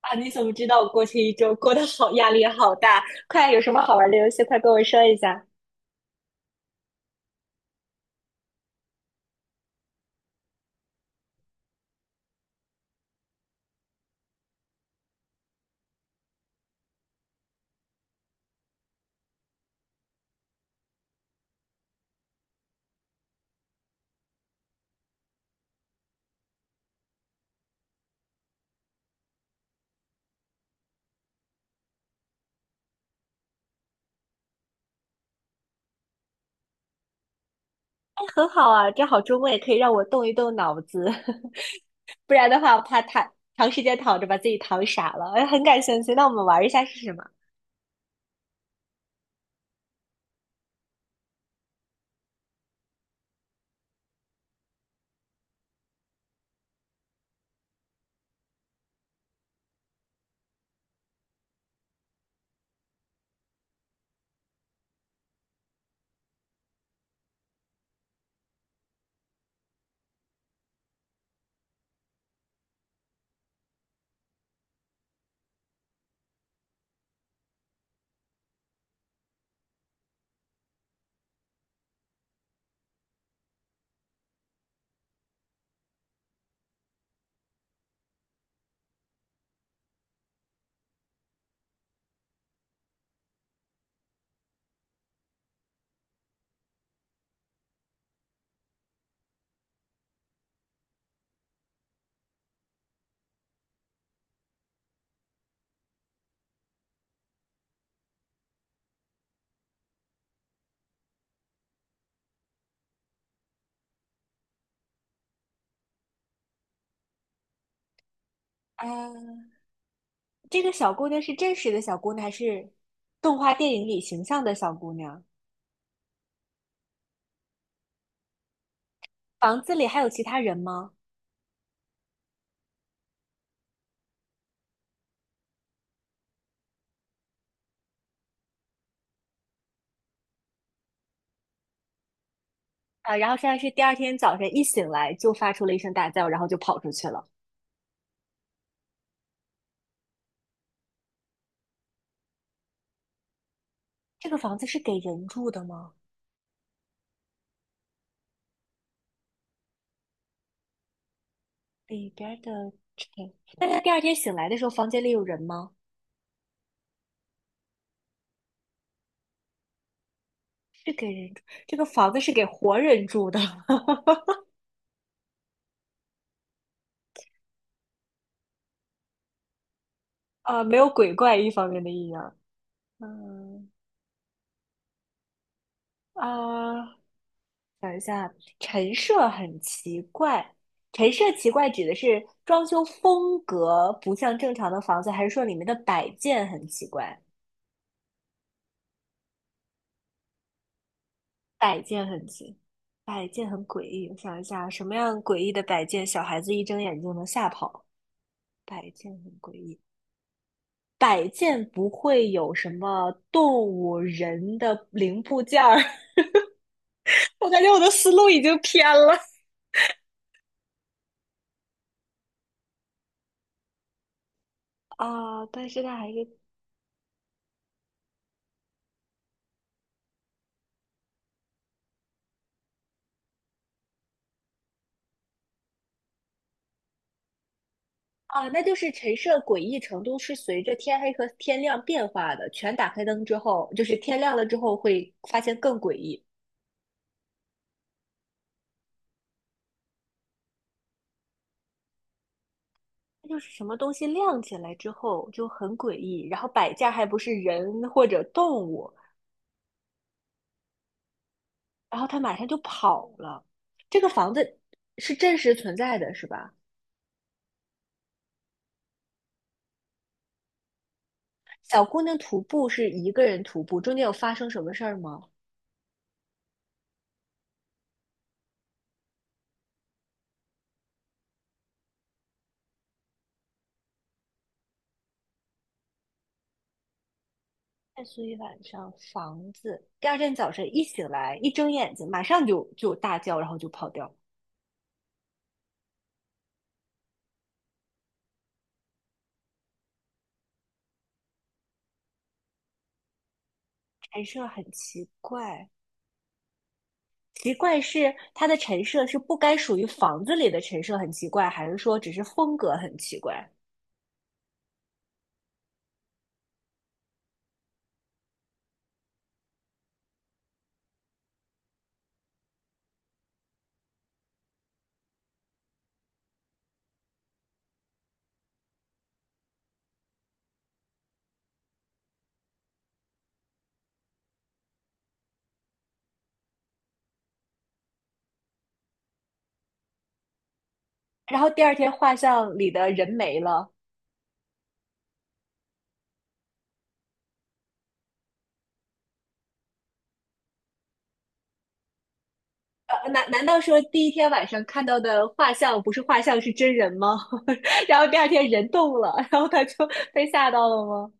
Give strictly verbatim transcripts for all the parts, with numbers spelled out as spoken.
啊，你怎么知道我过去一周过得好，压力好大？快，有什么好玩的游戏，快跟我说一下。很好啊，正好周末也可以让我动一动脑子，不然的话，我怕躺长时间躺着把自己躺傻了。哎，很感兴趣，那我们玩一下是什么？啊，这个小姑娘是真实的小姑娘，还是动画电影里形象的小姑娘？房子里还有其他人吗？啊，然后现在是第二天早晨一醒来就发出了一声大叫，然后就跑出去了。这个房子是给人住的吗？里边儿的尘。那他第二天醒来的时候，房间里有人吗？是给人住，这个房子是给活人住的，啊，没有鬼怪一方面的阴阳。嗯啊，陈设很奇怪，陈设奇怪指的是装修风格不像正常的房子，还是说里面的摆件很奇怪？摆件很奇，摆件很诡异。我想一下，什么样诡异的摆件，小孩子一睁眼就能吓跑？摆件很诡异。摆件不会有什么动物、人的零部件儿。我感觉我的思路已经偏了。啊，但是它还是啊，那就是陈设诡异程度是随着天黑和天亮变化的。全打开灯之后，就是天亮了之后会发现更诡异。那就是什么东西亮起来之后就很诡异，然后摆件还不是人或者动物，然后它马上就跑了。这个房子是真实存在的，是吧？小姑娘徒步是一个人徒步，中间有发生什么事儿吗？在所以晚上房子，第二天早晨一醒来，一睁眼睛马上就就大叫，然后就跑掉。陈设很奇怪，奇怪是它的陈设是不该属于房子里的陈设很奇怪，还是说只是风格很奇怪？然后第二天画像里的人没了，呃，难难道说第一天晚上看到的画像不是画像是真人吗？然后第二天人动了，然后他就被吓到了吗？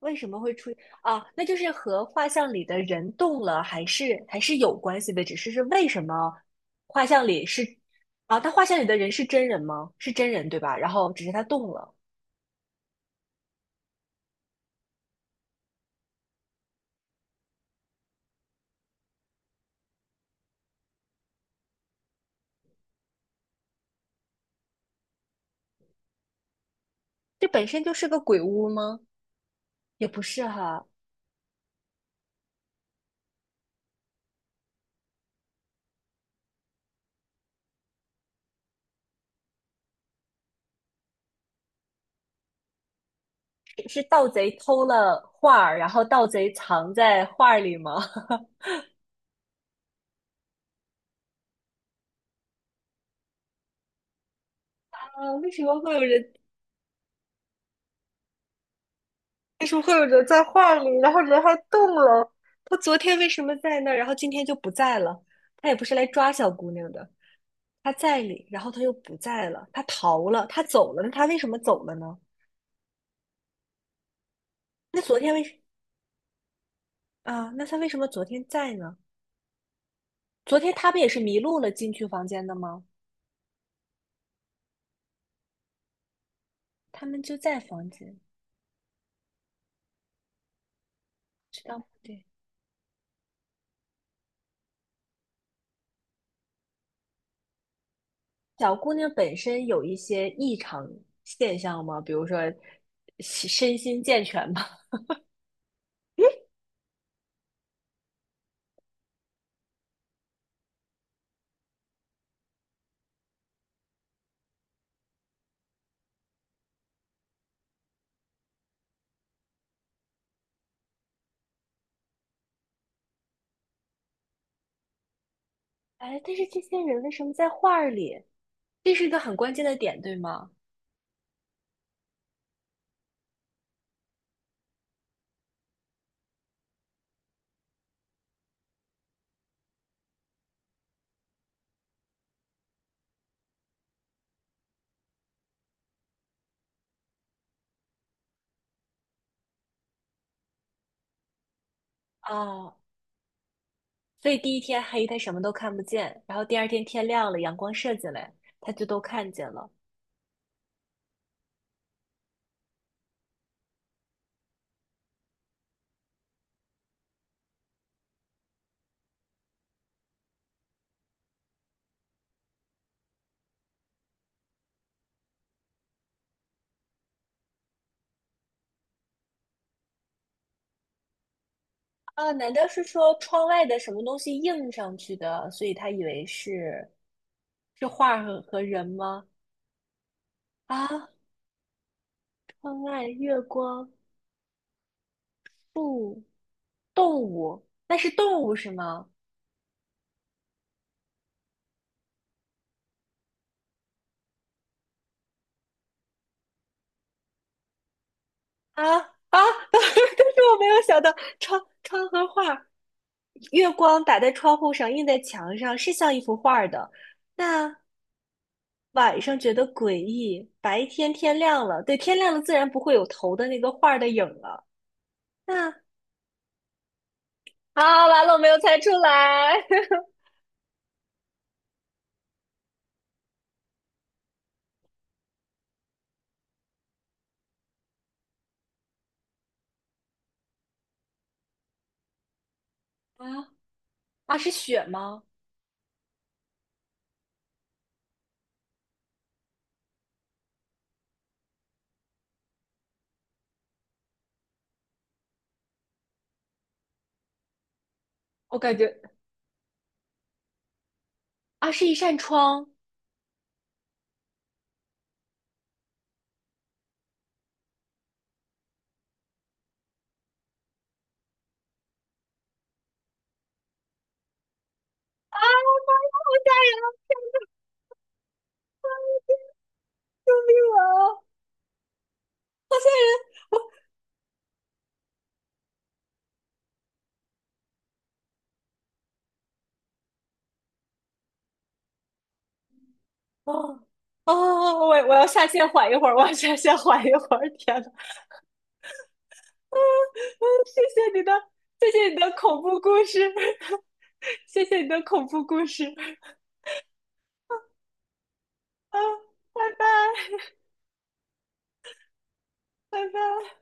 为什么会出啊？那就是和画像里的人动了，还是还是有关系的，只是是为什么画像里是啊？他画像里的人是真人吗？是真人对吧？然后只是他动了，这本身就是个鬼屋吗？也不是哈，是是盗贼偷了画儿然后盗贼藏在画儿里吗？啊，为什么会有人？为什么会有人在画里，然后人还动了？他昨天为什么在那儿，然后今天就不在了？他也不是来抓小姑娘的。他在里，然后他又不在了，他逃了，他走了，那他为什么走了呢？那昨天为什啊？那他为什么昨天在呢？昨天他不也是迷路了进去房间的吗？他们就在房间，知道不对。小姑娘本身有一些异常现象吗？比如说身身心健全吗？哎，但是这些人为什么在画儿里？这是一个很关键的点，对吗？啊，所以第一天黑，他什么都看不见，然后第二天天亮了，阳光射进来，他就都看见了。啊，难道是说窗外的什么东西映上去的，所以他以为是是画和和人吗？啊，窗外月光不动物，那是动物是吗？啊啊，但是我没有想到窗窗和画月光打在窗户上，映在墙上，是像一幅画儿的。那晚上觉得诡异，白天天亮了，对，天亮了自然不会有头的那个画儿的影了。那啊，完了，我没有猜出来。啊啊，是雪吗？我感觉啊，是一扇窗。哦哦，我我要下线缓一会儿，我要下线缓一会儿。天呐，啊，嗯，谢谢你的，谢谢你的恐怖故事，谢谢你的恐怖故事。啊，拜拜，拜拜。